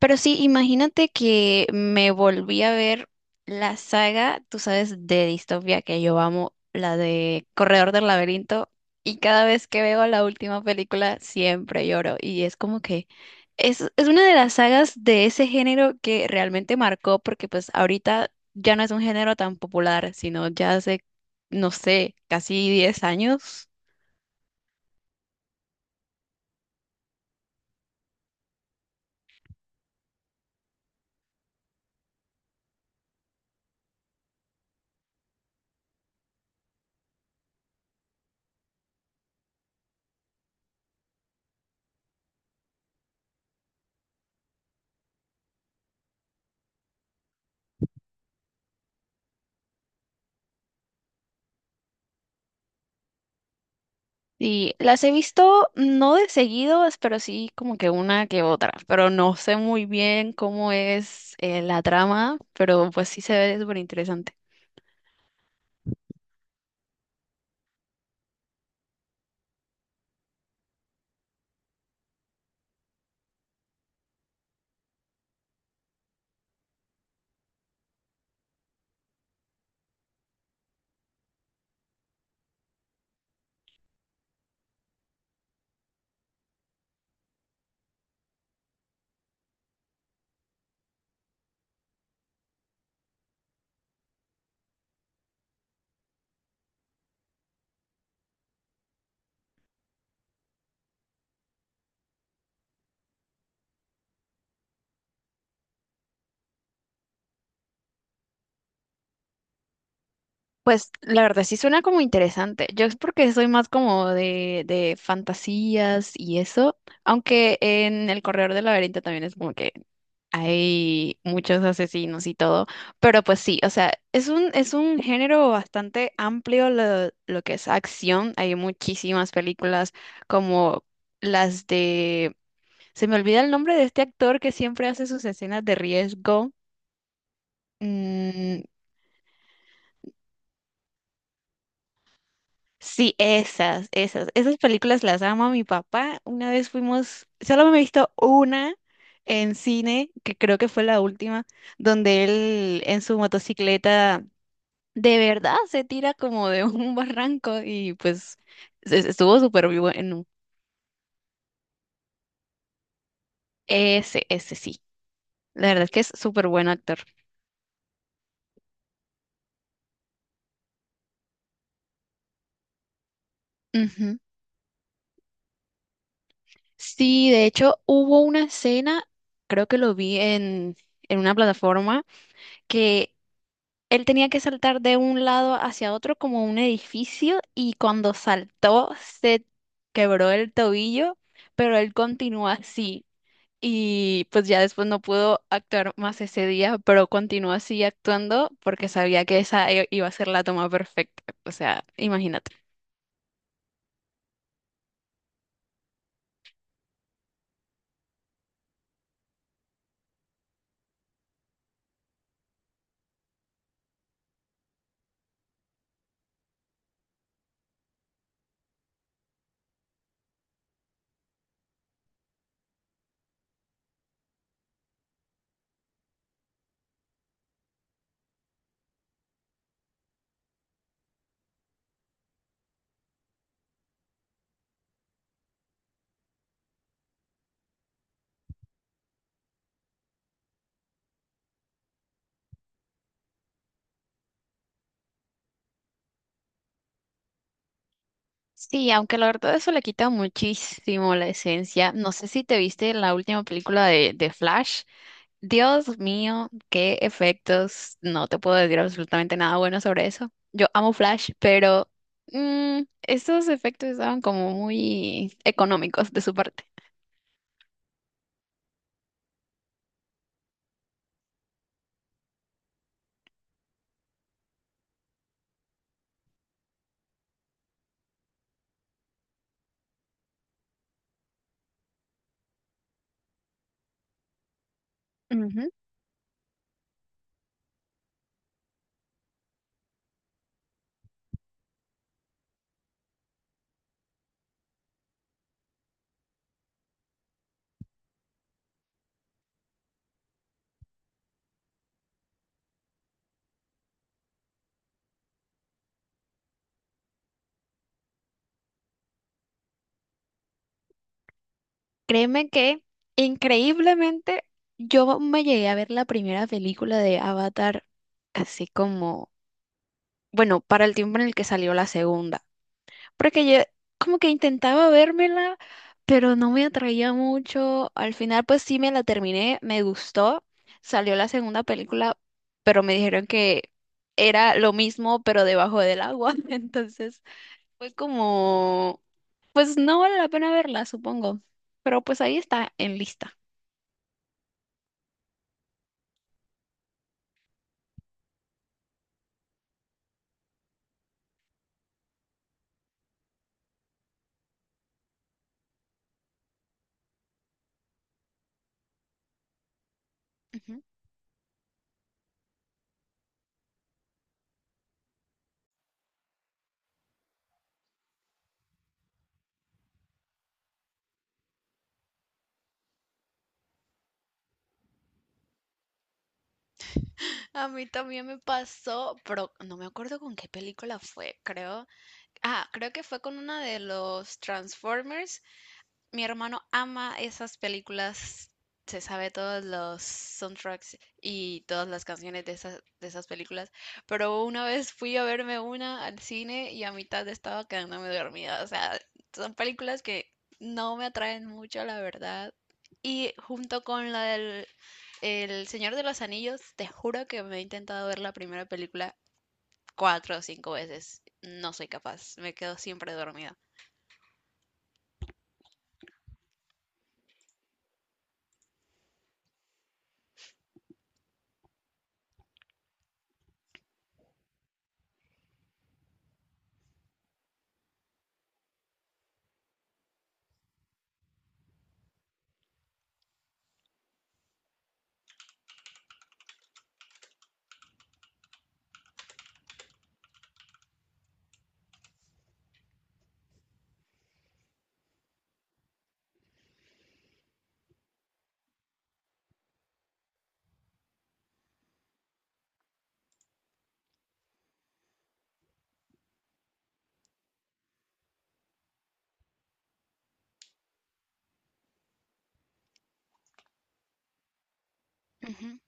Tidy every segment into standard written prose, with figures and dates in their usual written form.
Pero sí, imagínate que me volví a ver la saga, tú sabes, de distopia que yo amo, la de Corredor del Laberinto, y cada vez que veo la última película siempre lloro, y es como que es una de las sagas de ese género que realmente marcó, porque pues ahorita ya no es un género tan popular, sino ya hace, no sé, casi 10 años. Sí, las he visto no de seguidos, pero sí como que una que otra, pero no sé muy bien cómo es la trama, pero pues sí se ve súper interesante. Pues la verdad sí suena como interesante. Yo es porque soy más como de fantasías y eso, aunque en El Corredor del Laberinto también es como que hay muchos asesinos y todo, pero pues sí, o sea, es un género bastante amplio lo que es acción, hay muchísimas películas como las de, se me olvida el nombre de este actor que siempre hace sus escenas de riesgo. Mm, sí, esas películas las ama mi papá. Una vez fuimos, solo me he visto una en cine, que creo que fue la última, donde él en su motocicleta de verdad se tira como de un barranco y pues estuvo súper bueno. Ese sí. La verdad es que es súper buen actor. Ujú. Sí, de hecho hubo una escena, creo que lo vi en una plataforma, que él tenía que saltar de un lado hacia otro como un edificio y cuando saltó se quebró el tobillo, pero él continuó así. Y pues ya después no pudo actuar más ese día, pero continuó así actuando porque sabía que esa iba a ser la toma perfecta. O sea, imagínate. Sí, aunque la verdad eso le quita muchísimo la esencia. No sé si te viste la última película de Flash. Dios mío, qué efectos. No te puedo decir absolutamente nada bueno sobre eso. Yo amo Flash, pero estos efectos estaban como muy económicos de su parte. Ujú. Créeme que increíblemente yo me llegué a ver la primera película de Avatar así como, bueno, para el tiempo en el que salió la segunda. Porque yo como que intentaba vérmela, pero no me atraía mucho. Al final pues sí me la terminé, me gustó. Salió la segunda película, pero me dijeron que era lo mismo, pero debajo del agua. Entonces fue como, pues no vale la pena verla, supongo. Pero pues ahí está en lista. Ujú. A mí también me pasó, pero no me acuerdo con qué película fue, creo. Ah, creo que fue con una de los Transformers. Mi hermano ama esas películas, se sabe todos los soundtracks y todas las canciones de esas películas, pero una vez fui a verme una al cine y a mitad estaba quedándome dormida. O sea, son películas que no me atraen mucho, la verdad. Y junto con la del El Señor de los Anillos, te juro que me he intentado ver la primera película cuatro o cinco veces. No soy capaz, me quedo siempre dormida. Ujú.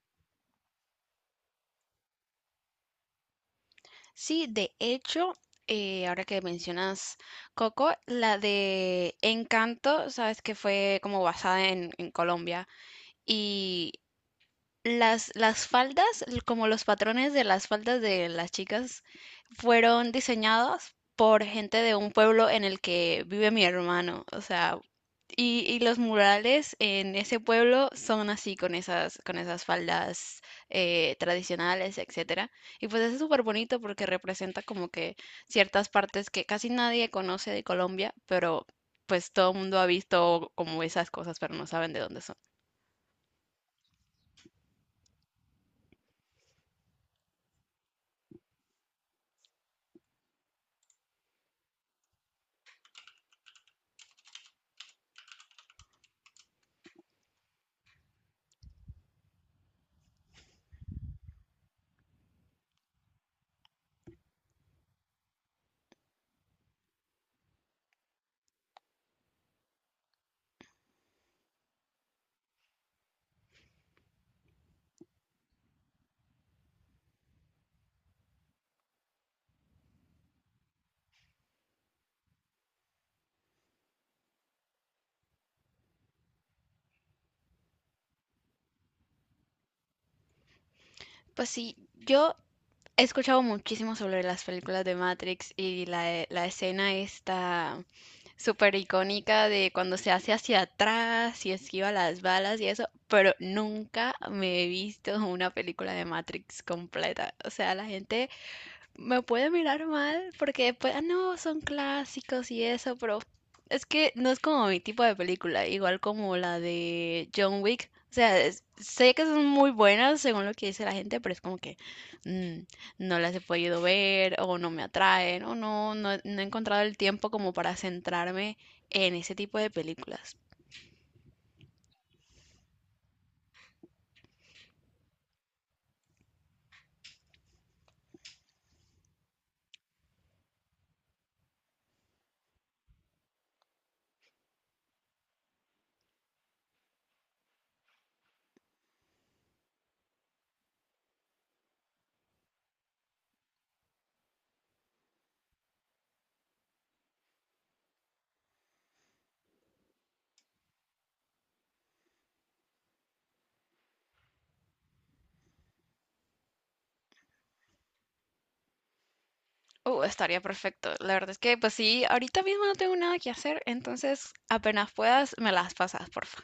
Sí, de hecho, ahora que mencionas Coco, la de Encanto, sabes que fue como basada en Colombia y las faldas, como los patrones de las faldas de las chicas, fueron diseñados por gente de un pueblo en el que vive mi hermano. O sea, y los murales en ese pueblo son así con esas faldas tradicionales, etcétera. Y pues es súper bonito porque representa como que ciertas partes que casi nadie conoce de Colombia, pero pues todo el mundo ha visto como esas cosas, pero no saben de dónde son. Pues sí, yo he escuchado muchísimo sobre las películas de Matrix y la escena esta súper icónica de cuando se hace hacia atrás y esquiva las balas y eso, pero nunca me he visto una película de Matrix completa. O sea, la gente me puede mirar mal porque después, ah, no, son clásicos y eso, pero es que no es como mi tipo de película, igual como la de John Wick. O sea, sé que son muy buenas según lo que dice la gente, pero es como que mm, no las he podido ver o no me atraen o no he encontrado el tiempo como para centrarme en ese tipo de películas. Estaría perfecto. La verdad es que, pues sí, ahorita mismo no tengo nada que hacer, entonces apenas puedas, me las pasas, porfa.